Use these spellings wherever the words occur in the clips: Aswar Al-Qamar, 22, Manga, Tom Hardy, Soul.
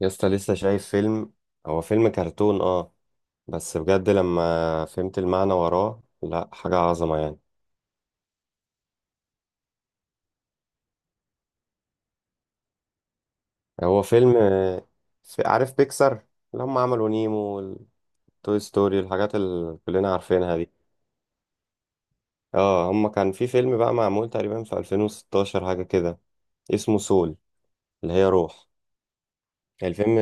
يا اسطى لسه شايف فيلم؟ هو فيلم كرتون، اه. بس بجد لما فهمت المعنى وراه لا، حاجة عظمة يعني. هو فيلم، عارف بيكسر، اللي هم عملوا نيمو والتوي ستوري، الحاجات اللي كلنا عارفينها دي. اه، هم كان في فيلم بقى معمول تقريبا في 2016، حاجة كده. اسمه سول، اللي هي روح. الفيلم،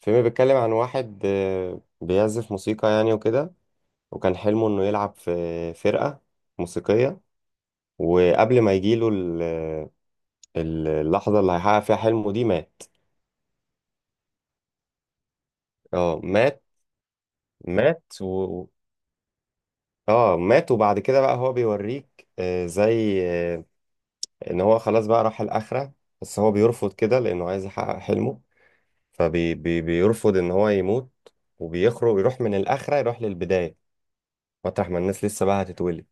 الفيلم بيتكلم عن واحد بيعزف موسيقى يعني وكده. وكان حلمه انه يلعب في فرقة موسيقية. وقبل ما يجيله اللحظة اللي هيحقق فيها حلمه دي، مات. اه مات. مات و... اه مات. وبعد كده بقى هو بيوريك زي ان هو خلاص بقى راح الآخرة. بس هو بيرفض كده لأنه عايز يحقق حلمه، فبيرفض ان هو يموت، وبيخرج يروح من الآخرة، يروح للبداية، مطرح ما الناس لسه بقى هتتولد.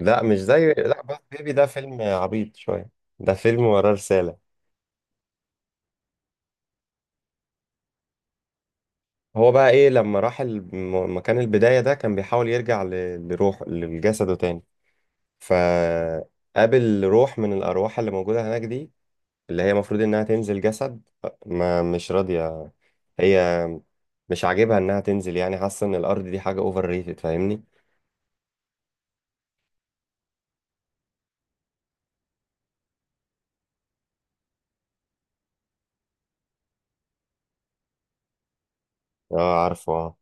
لا مش زي، لا، بس بيبي ده فيلم عبيط شوية، ده فيلم وراه رسالة. هو بقى ايه لما راح مكان البداية ده، كان بيحاول يرجع لروح لجسده تاني. فقابل روح من الأرواح اللي موجودة هناك دي، اللي هي المفروض إنها تنزل جسد، ما مش راضية هي، مش عاجبها إنها تنزل، يعني حاسة إن الأرض دي حاجة أوفر ريتد، فاهمني؟ اه عارفه اه.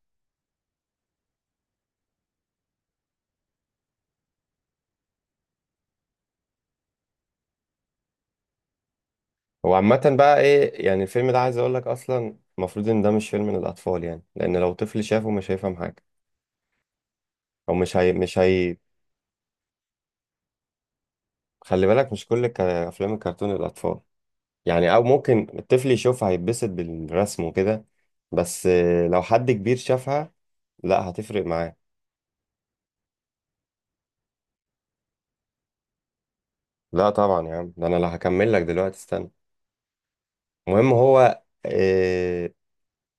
هو عامة بقى إيه يعني، الفيلم ده عايز أقول لك، أصلا المفروض إن ده مش فيلم للأطفال يعني، لأن لو طفل شافه مش هيفهم حاجة، أو مش هي مش هي. خلي بالك مش أفلام الكرتون للأطفال يعني، او ممكن الطفل يشوفها هيتبسط بالرسم وكده. بس لو حد كبير شافها، لا، هتفرق معاه. لا طبعا يا عم، ده انا لو هكمل لك دلوقتي، استنى. المهم هو آه،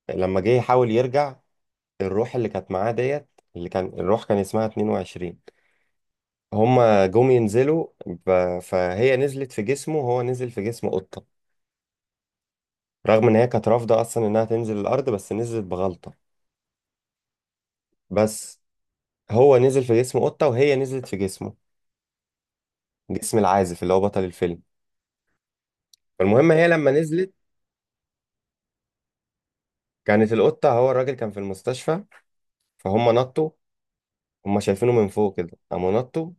لما جه يحاول يرجع الروح اللي كانت معاه ديت، اللي كان الروح كان اسمها 22. هما جم ينزلوا فهي نزلت في جسمه وهو نزل في جسم قطة، رغم ان هي كانت رافضة اصلا انها تنزل الارض، بس نزلت بغلطة. بس هو نزل في جسم قطة وهي نزلت في جسمه، جسم العازف اللي هو بطل الفيلم. فالمهم هي لما نزلت، كانت القطة، هو الراجل كان في المستشفى، فهم نطوا، هم شايفينه من فوق كده، قاموا نطوا،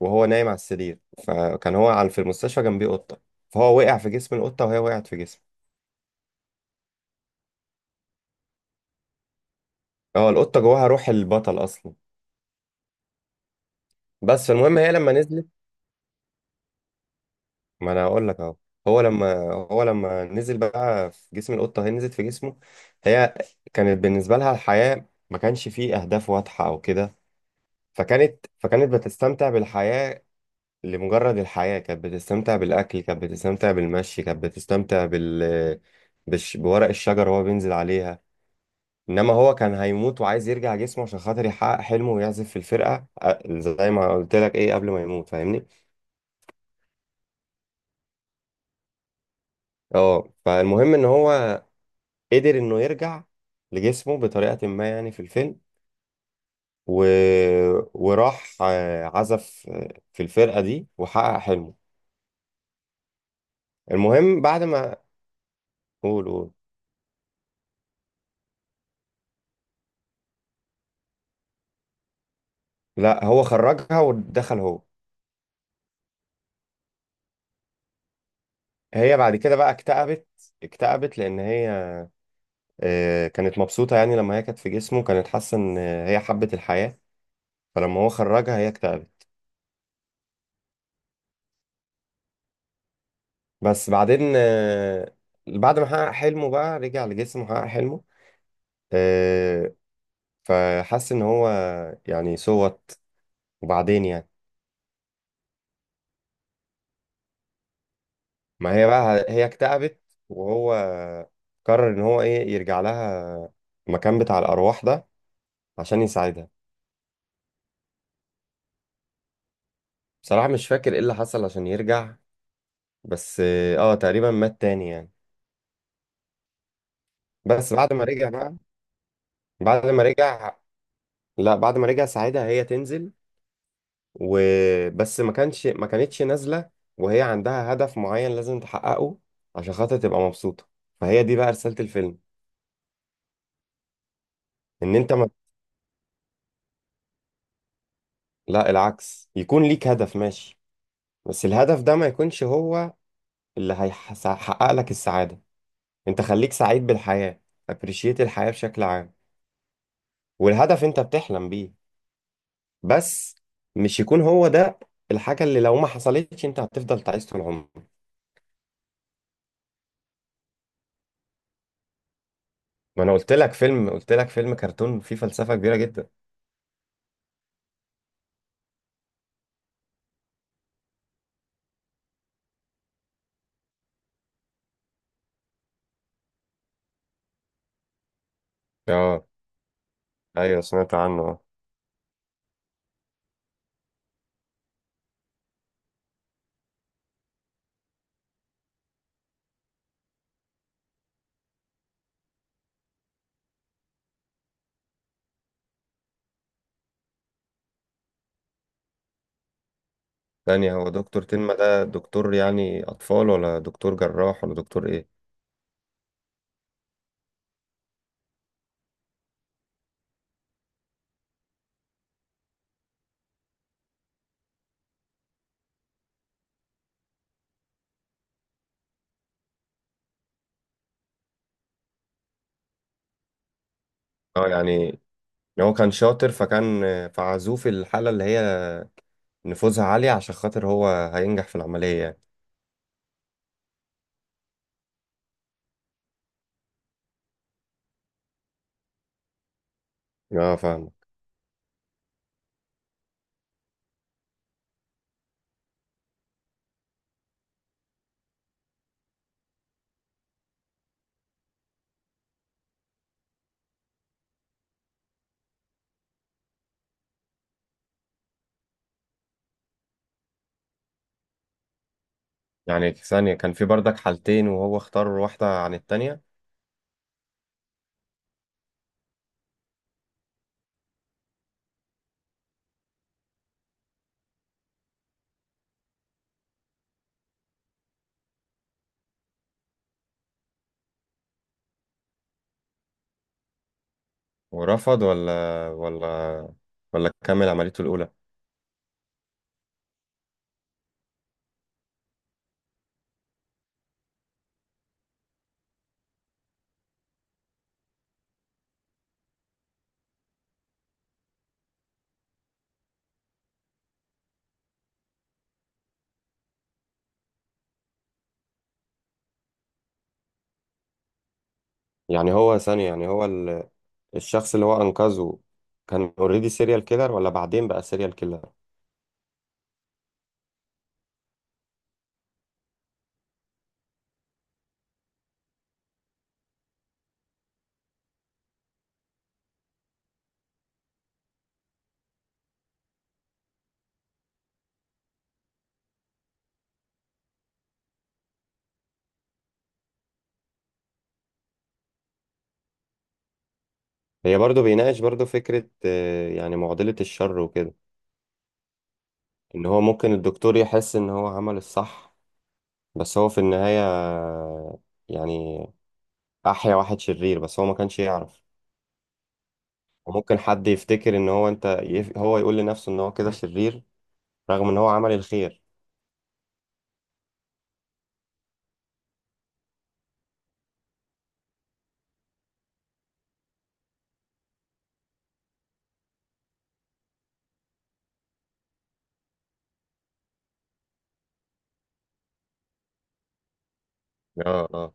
وهو نايم على السرير. فكان هو على، في المستشفى جنبيه قطة، فهو وقع في جسم القطة وهي وقعت في جسمه. هو القطة جواها روح البطل أصلا. بس فالمهم هي لما نزلت، ما أنا هقول لك أهو. هو لما هو لما نزل بقى في جسم القطة، هي نزلت في جسمه. هي كانت بالنسبة لها الحياة ما كانش فيه أهداف واضحة أو كده، فكانت بتستمتع بالحياة لمجرد الحياة، كانت بتستمتع بالأكل، كانت بتستمتع بالمشي، كانت بتستمتع بورق الشجر وهو بينزل عليها. إنما هو كان هيموت وعايز يرجع جسمه عشان خاطر يحقق حلمه ويعزف في الفرقة، زي ما قلت لك إيه قبل ما يموت، فاهمني؟ أه، فالمهم إن هو قدر إنه يرجع لجسمه بطريقة ما يعني في الفيلم، و... وراح عزف في الفرقة دي وحقق حلمه. المهم بعد ما، قول قول. لا هو خرجها ودخل هو. هي بعد كده بقى اكتئبت، اكتئبت لان هي كانت مبسوطه يعني، لما هي كانت في جسمه كانت حاسه ان هي حبت الحياه، فلما هو خرجها هي اكتئبت. بس بعدين بعد ما حقق حلمه بقى، رجع لجسمه وحقق حلمه. آه، فحس ان هو يعني صوت، وبعدين يعني. ما هي بقى هي اكتئبت، وهو قرر ان هو ايه، يرجع لها المكان بتاع الارواح ده عشان يساعدها. بصراحه مش فاكر ايه اللي حصل عشان يرجع، بس اه تقريبا مات تاني يعني. بس بعد ما رجع بقى، بعد ما رجع، لا بعد ما رجع ساعتها هي تنزل، وبس ما كانش ما كانتش نازلة، وهي عندها هدف معين لازم تحققه عشان خاطر تبقى مبسوطة، فهي دي بقى رسالة الفيلم. ان انت ما... لا العكس، يكون ليك هدف ماشي، بس الهدف ده ما يكونش هو اللي هيحقق لك السعادة. انت خليك سعيد بالحياة، appreciate الحياة بشكل عام، والهدف انت بتحلم بيه بس، مش يكون هو ده الحاجة اللي لو ما حصلتش انت هتفضل تعيس طول عمرك. ما انا قلت لك فيلم، قلت لك فيلم كرتون فيه فلسفة كبيرة جدا. اه ايوه سمعت عنه. ثانية، هو دكتور تنما ده دكتور يعني اطفال ولا دكتور جراح ولا دكتور ايه؟ اه يعني هو كان شاطر، فكان فعزوه في الحالة اللي هي نفوذها عالية عشان خاطر هو هينجح في العملية يعني. اه فاهم. يعني ثانية، كان في بردك حالتين وهو اختار واحدة عن التانية؟ ورفض ولا ولا، ولا كمل عمليته الأولى؟ يعني هو ثانية يعني، الشخص اللي هو أنقذه، كان اوريدي سيريال كيلر ولا بعدين بقى سيريال كيلر؟ هي برضو بيناقش برضو فكرة يعني معضلة الشر وكده. إن هو ممكن الدكتور يحس إن هو عمل الصح، بس هو في النهاية يعني أحيا واحد شرير بس هو ما كانش يعرف. وممكن حد يفتكر إن هو، هو يقول لنفسه إن هو كده شرير، رغم إن هو عمل الخير. اه اه.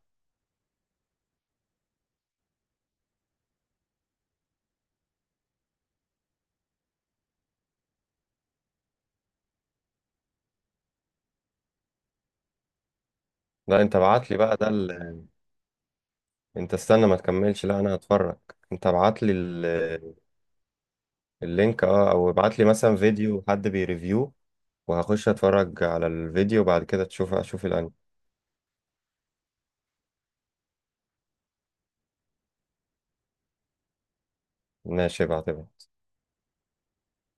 لا انت بعت لي بقى ده، انت استنى ما تكملش، لا انا هتفرج. انت ابعت لي ال... اللينك، اه. او ابعت لي مثلا فيديو حد بيريفيو، وهخش اتفرج على الفيديو وبعد كده اشوف الانمي. ماشي، ابعتها.